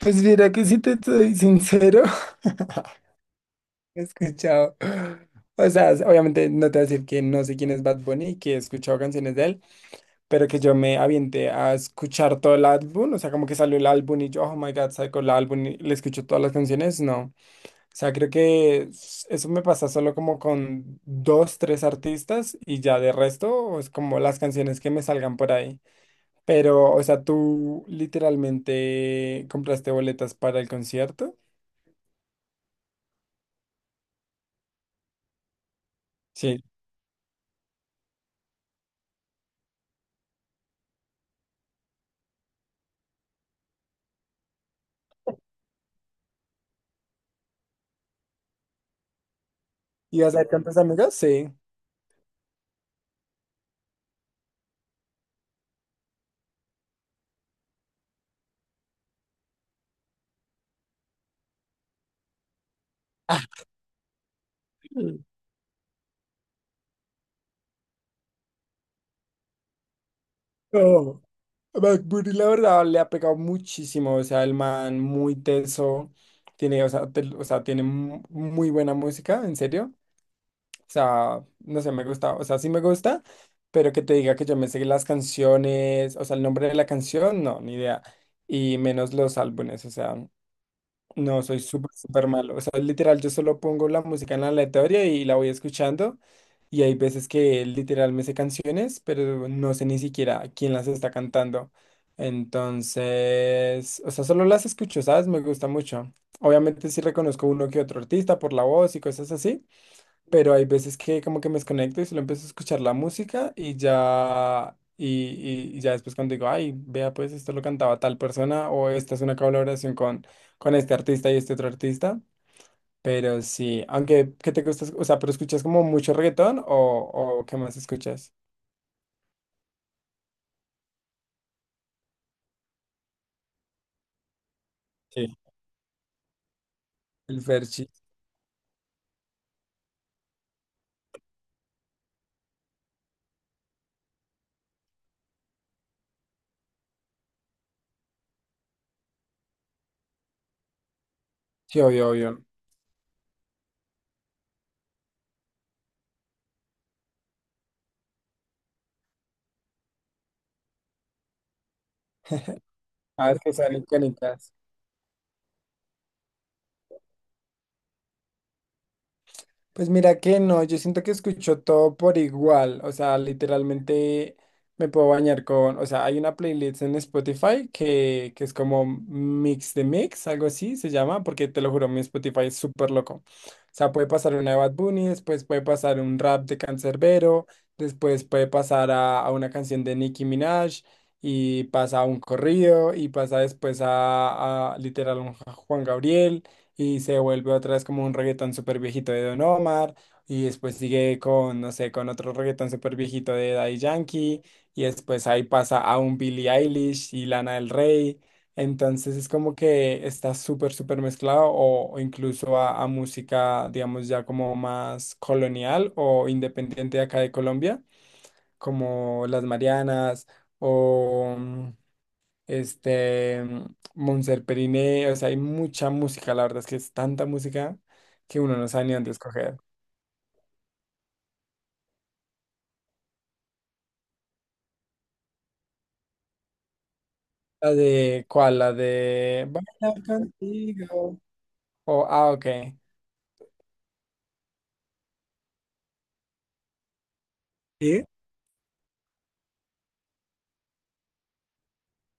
Pues mira que si te soy sincero, he escuchado. O sea, obviamente no te voy a decir que no sé quién es Bad Bunny y que he escuchado canciones de él, pero que yo me avienté a escuchar todo el álbum, o sea, como que salió el álbum y yo, oh my God, saco el álbum y le escucho todas las canciones, no. O sea, creo que eso me pasa solo como con dos, tres artistas y ya de resto es como las canciones que me salgan por ahí. Pero, o sea, tú literalmente compraste boletas para el concierto. Sí. ¿Y vas a ver tantas amigas? Sí. Ah, no, McBurney, la verdad, le ha pegado muchísimo. O sea, el man muy teso. Tiene, o sea, o sea, tiene muy buena música, en serio. O sea, no sé, me gusta. O sea, sí me gusta, pero que te diga que yo me sé las canciones, o sea, el nombre de la canción, no, ni idea. Y menos los álbumes, o sea. No, soy súper, súper malo. O sea, literal, yo solo pongo la música en la aleatoria y la voy escuchando. Y hay veces que literal me sé canciones, pero no sé ni siquiera quién las está cantando. Entonces, o sea, solo las escucho, ¿sabes? Me gusta mucho. Obviamente sí reconozco uno que otro artista por la voz y cosas así, pero hay veces que como que me desconecto y solo empiezo a escuchar la música y ya, y ya después cuando digo, ay, vea, pues esto lo cantaba tal persona o esta es una colaboración con este artista y este otro artista, pero sí, aunque, ¿qué te gusta? O sea, ¿pero escuchas como mucho reggaetón o qué más escuchas? Sí. El Ferchi, sí, obvio, obvio. Ah, es que son icónicas. Pues mira que no, yo siento que escucho todo por igual, o sea, literalmente me puedo bañar con, o sea, hay una playlist en Spotify que es como Mix de Mix, algo así se llama, porque te lo juro, mi Spotify es súper loco. O sea, puede pasar una de Bad Bunny, después puede pasar un rap de Canserbero, después puede pasar a una canción de Nicki Minaj, y pasa a un corrido, y pasa después a literal un Juan Gabriel. Y se vuelve otra vez como un reggaetón súper viejito de Don Omar. Y después sigue con, no sé, con otro reggaetón súper viejito de Daddy Yankee. Y después ahí pasa a un Billie Eilish y Lana del Rey. Entonces es como que está súper, súper mezclado o incluso a música, digamos, ya como más colonial o independiente de acá de Colombia, como Las Marianas o este, Monser Periné, o sea, hay mucha música, la verdad es que es tanta música que uno no sabe ni dónde escoger. La de, ¿cuál? La de Bailar contigo. Oh, ah, ok. ¿Sí?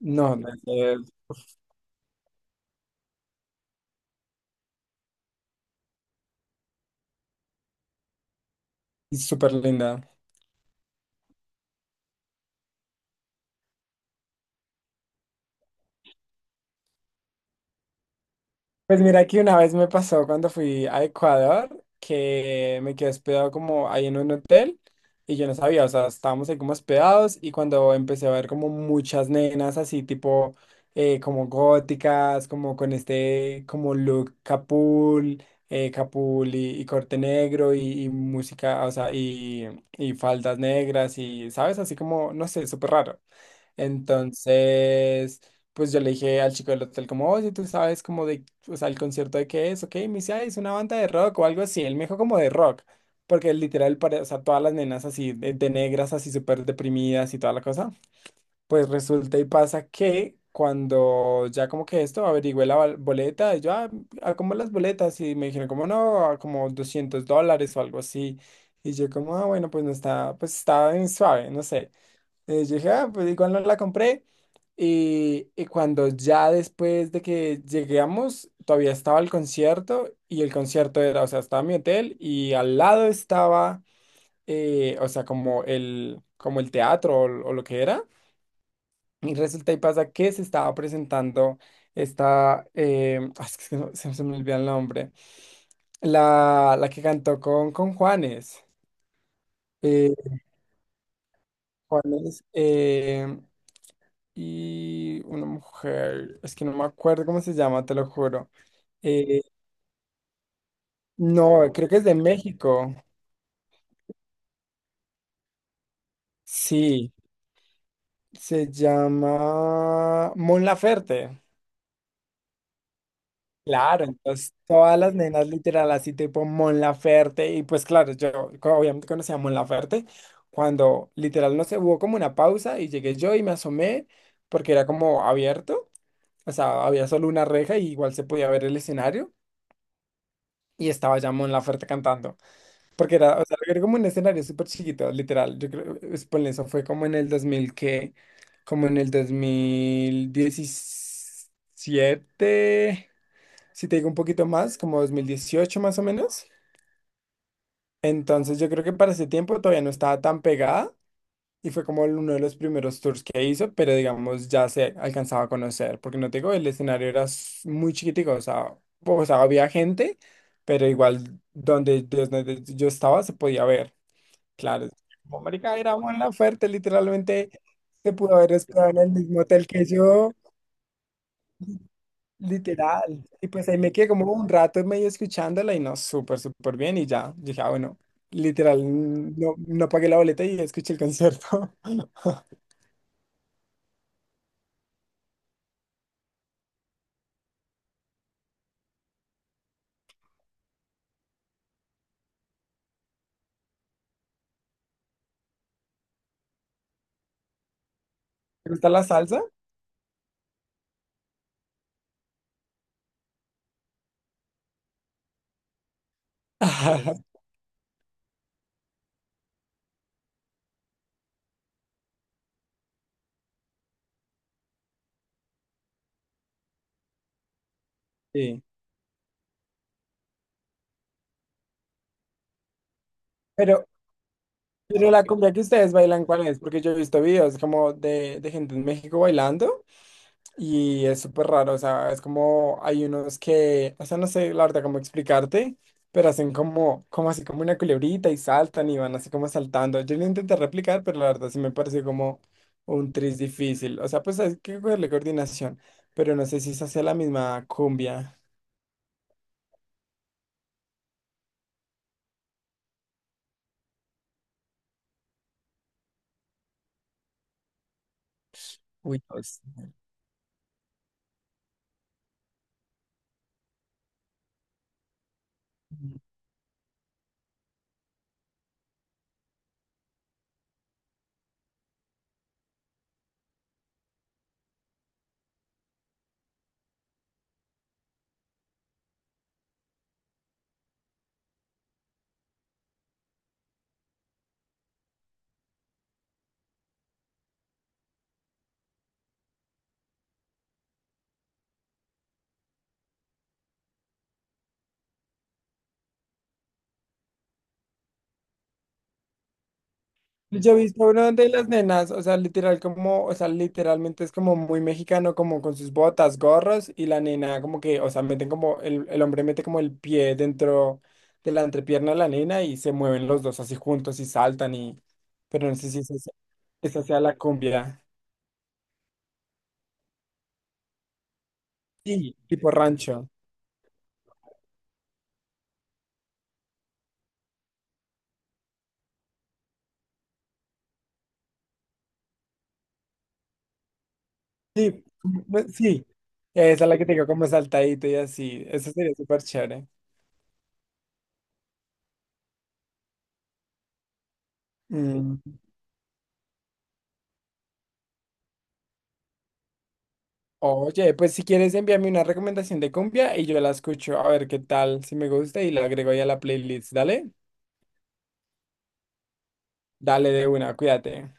No, es súper linda. Pues mira que una vez me pasó cuando fui a Ecuador que me quedé hospedado como ahí en un hotel y yo no sabía, o sea, estábamos ahí como hospedados y cuando empecé a ver como muchas nenas así tipo como góticas, como con este como look capul, capul y corte negro y música, o sea, y faldas negras y, ¿sabes? Así como, no sé, súper raro. Entonces, pues yo le dije al chico del hotel como, oye, tú sabes como de, o sea, el concierto de qué es, ok, me dice, "Ay, es una banda de rock o algo así, él me dijo como de rock, porque literal, o sea, todas las nenas así de negras, así súper deprimidas y toda la cosa, pues resulta y pasa que cuando ya como que esto, averigüé la boleta, y yo, ah, ah, ¿cómo las boletas? Y me dijeron como, no, ah, como $200 o algo así, y yo como, ah, bueno, pues no está, pues estaba en suave, no sé. Yo dije, ah, pues igual no la compré. Y cuando ya después de que llegamos, todavía estaba el concierto y el concierto era, o sea, estaba mi hotel y al lado estaba, o sea, como el teatro o lo que era. Y resulta y pasa que se estaba presentando esta, ah, es que se me olvida el nombre, la que cantó con Juanes. eh, Juanes, y una mujer, es que no me acuerdo cómo se llama, te lo juro. Eh, no, creo que es de México. Sí, se llama Mon Laferte. Claro, entonces todas las nenas literal así tipo Mon Laferte y pues claro, yo obviamente conocía a Mon Laferte cuando literal no se hubo como una pausa y llegué yo y me asomé porque era como abierto, o sea, había solo una reja y igual se podía ver el escenario y estaba ya Mon Laferte cantando. Porque era, o sea, era como un escenario súper chiquito, literal. Yo creo, ponle, eso fue como en el 2000 que, como en el 2017 si te digo un poquito más, como 2018 más o menos. Entonces yo creo que para ese tiempo todavía no estaba tan pegada y fue como uno de los primeros tours que hizo, pero digamos ya se alcanzaba a conocer, porque no te digo, el escenario era muy chiquitico, o sea, había gente, pero igual donde, desde donde yo estaba se podía ver. Claro, como marica, era la oferta, literalmente se pudo haber hospedado en el mismo hotel que yo, literal. Y pues ahí me quedé como un rato medio escuchándola y no, súper, súper bien y ya. Dije, ah, bueno, literal, no, no pagué la boleta y escuché el concierto. ¿Te gusta la salsa? Ajá, sí. Pero, pero la cumbia que ustedes bailan, ¿cuál es? Porque yo he visto videos como de gente en México bailando. Y es súper raro, o sea, es como hay unos que, o sea, no sé la verdad cómo explicarte, pero hacen como, como así como una culebrita y saltan y van así como saltando. Yo lo intenté replicar, pero la verdad sí me pareció como un tris difícil. O sea, pues hay que cogerle coordinación, pero no sé si es hacia la misma cumbia. Uy, Dios. Yo he visto uno de las nenas, o sea, literal como, o sea, literalmente es como muy mexicano, como con sus botas, gorros, y la nena como que, o sea, meten como, el hombre mete como el pie dentro de la entrepierna de la nena y se mueven los dos así juntos y saltan y, pero no sé si esa sea la cumbia. Sí, tipo rancho. Sí, sí, esa es la que tengo como saltadito y así, eso sería súper chévere. Oye, pues si quieres envíame una recomendación de cumbia y yo la escucho a ver qué tal, si me gusta y la agrego ya a la playlist, dale, dale de una, cuídate.